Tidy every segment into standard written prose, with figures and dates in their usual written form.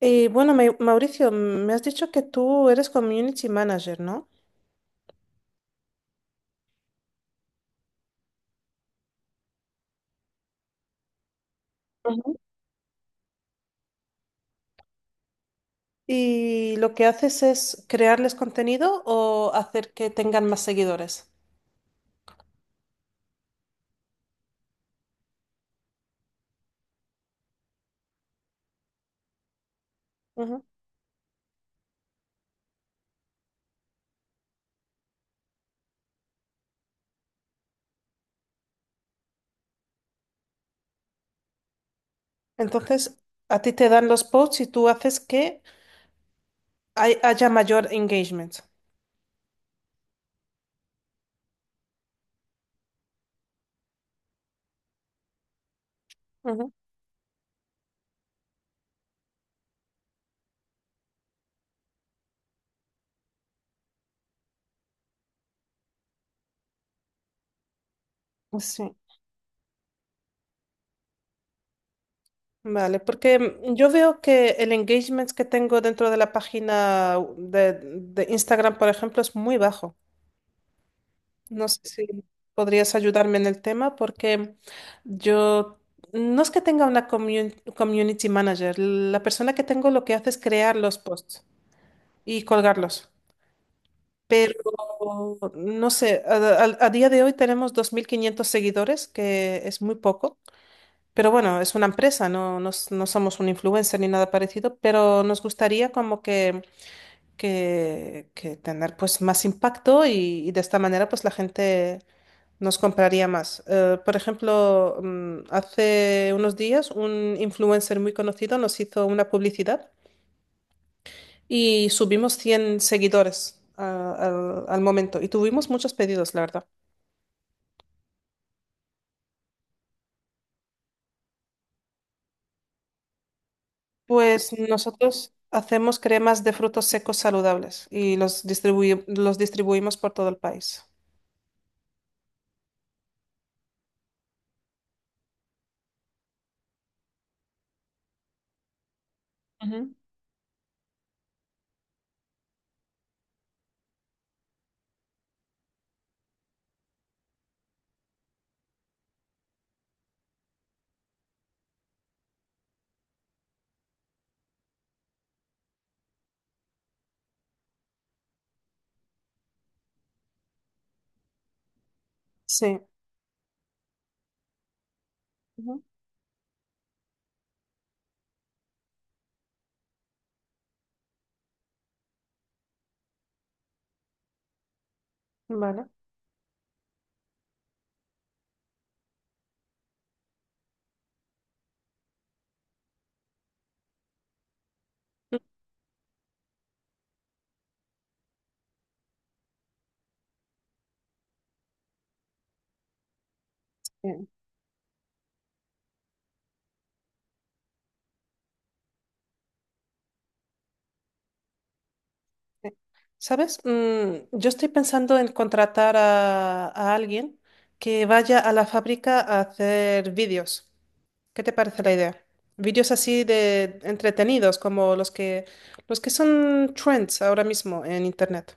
Y bueno, Mauricio, me has dicho que tú eres community manager, ¿no? Ujú. Y lo que haces es crearles contenido o hacer que tengan más seguidores. Ujú. Entonces, a ti te dan los posts y tú haces que haya mayor engagement. Ujú. Sí, vale, porque yo veo que el engagement que tengo dentro de la página de Instagram, por ejemplo, es muy bajo. No sé si podrías ayudarme en el tema porque yo no es que tenga una community manager. La persona que tengo lo que hace es crear los posts y colgarlos. Pero no sé, a día de hoy tenemos 2.500 seguidores, que es muy poco. Pero bueno, es una empresa, no somos un influencer ni nada parecido, pero nos gustaría como que tener pues más impacto y de esta manera pues la gente nos compraría más. Por ejemplo, hace unos días un influencer muy conocido nos hizo una publicidad y subimos 100 seguidores al momento y tuvimos muchos pedidos, la verdad. Pues nosotros hacemos cremas de frutos secos saludables y los los distribuimos por todo el país. Ujú. Sí. Ujú. Vale. Sí. ¿Sabes? Yo estoy pensando en contratar a alguien que vaya a la fábrica a hacer vídeos. ¿Qué te parece la idea? Vídeos así de entretenidos, como los que son trends ahora mismo en internet.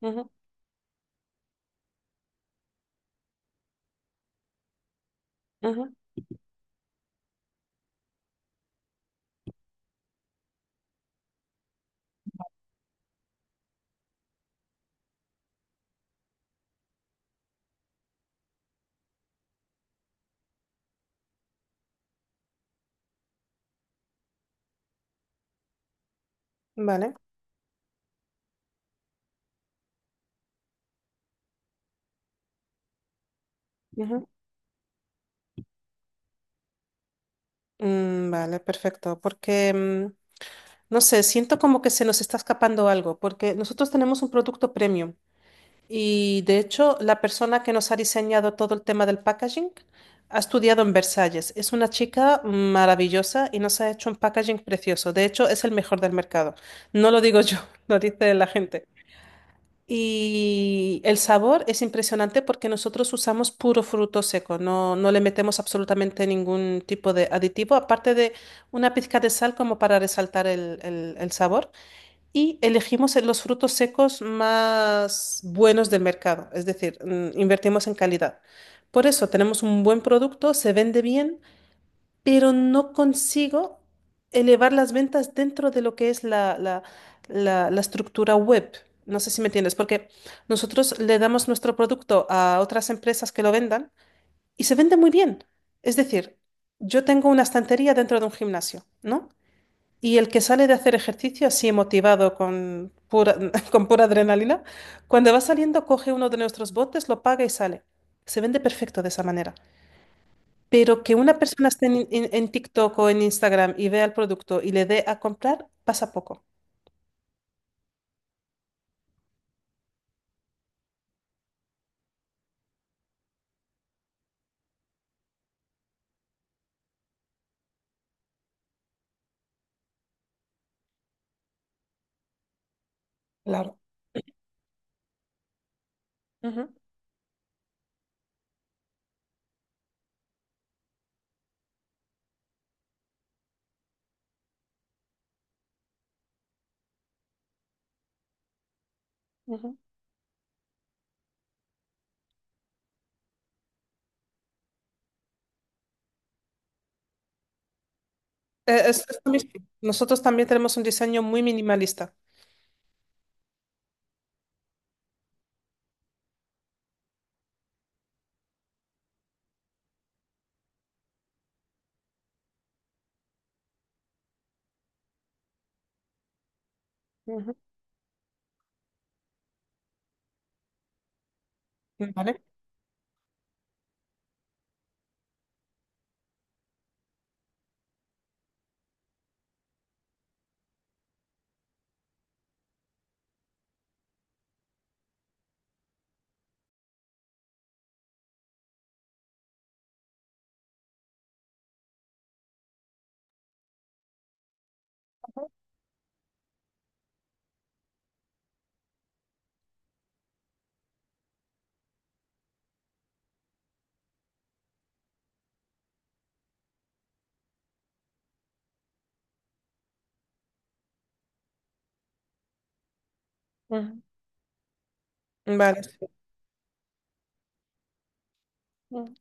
Ujú, ujú, Vale. ujú. Vale, perfecto. Porque, no sé, siento como que se nos está escapando algo, porque nosotros tenemos un producto premium. Y de hecho, la persona que nos ha diseñado todo el tema del packaging ha estudiado en Versalles. Es una chica maravillosa y nos ha hecho un packaging precioso. De hecho, es el mejor del mercado. No lo digo yo, lo dice la gente. Y el sabor es impresionante porque nosotros usamos puro fruto seco, no le metemos absolutamente ningún tipo de aditivo, aparte de una pizca de sal como para resaltar el sabor y elegimos los frutos secos más buenos del mercado, es decir, invertimos en calidad. Por eso tenemos un buen producto, se vende bien, pero no consigo elevar las ventas dentro de lo que es la estructura web. No sé si me entiendes, porque nosotros le damos nuestro producto a otras empresas que lo vendan y se vende muy bien. Es decir, yo tengo una estantería dentro de un gimnasio, ¿no? Y el que sale de hacer ejercicio así motivado con pura, con pura adrenalina, cuando va saliendo coge uno de nuestros botes, lo paga y sale. Se vende perfecto de esa manera. Pero que una persona esté en TikTok o en Instagram y vea el producto y le dé a comprar, pasa poco. Claro. Ujú, ujú. Es lo mismo. Nosotros también tenemos un diseño muy minimalista. Ujú, ¿vale? Ujú, vale, sí.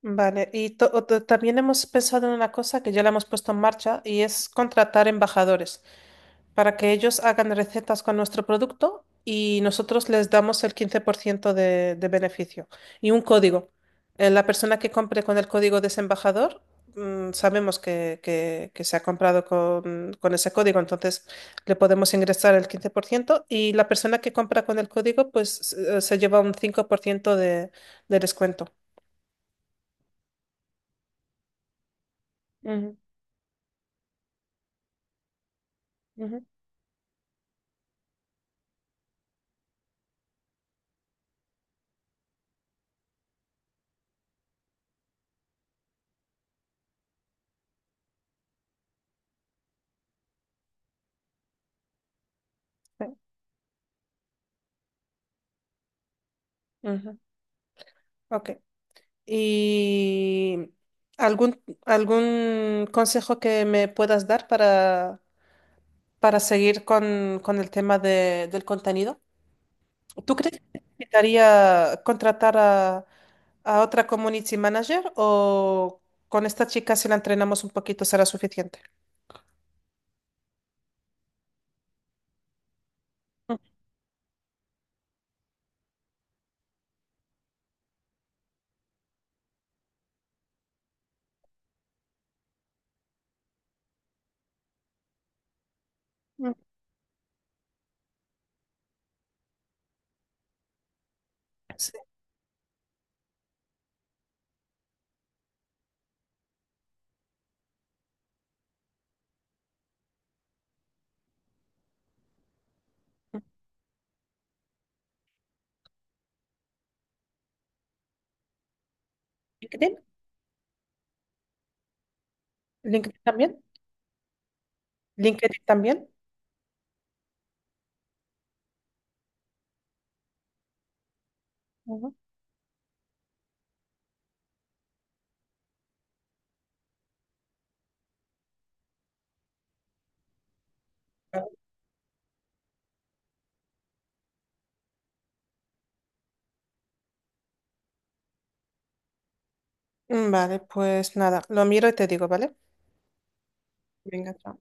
Vale, y también hemos pensado en una cosa que ya la hemos puesto en marcha y es contratar embajadores para que ellos hagan recetas con nuestro producto y nosotros les damos el 15% de beneficio y un código. La persona que compre con el código de ese embajador, sabemos que se ha comprado con ese código, entonces le podemos ingresar el 15% y la persona que compra con el código pues se lleva un 5% de descuento. Ujú, ujú. Ujú, ok. ¿Y algún consejo que me puedas dar para seguir con el tema del contenido? ¿Tú crees que necesitaría contratar a otra community manager o con esta chica si la entrenamos un poquito será suficiente? Ujú. Sí. ¿LinkedIn? ¿LinkedIn también? ¿LinkedIn también? Ujú. Vale, pues nada, lo miro y te digo, ¿vale? Venga, chao.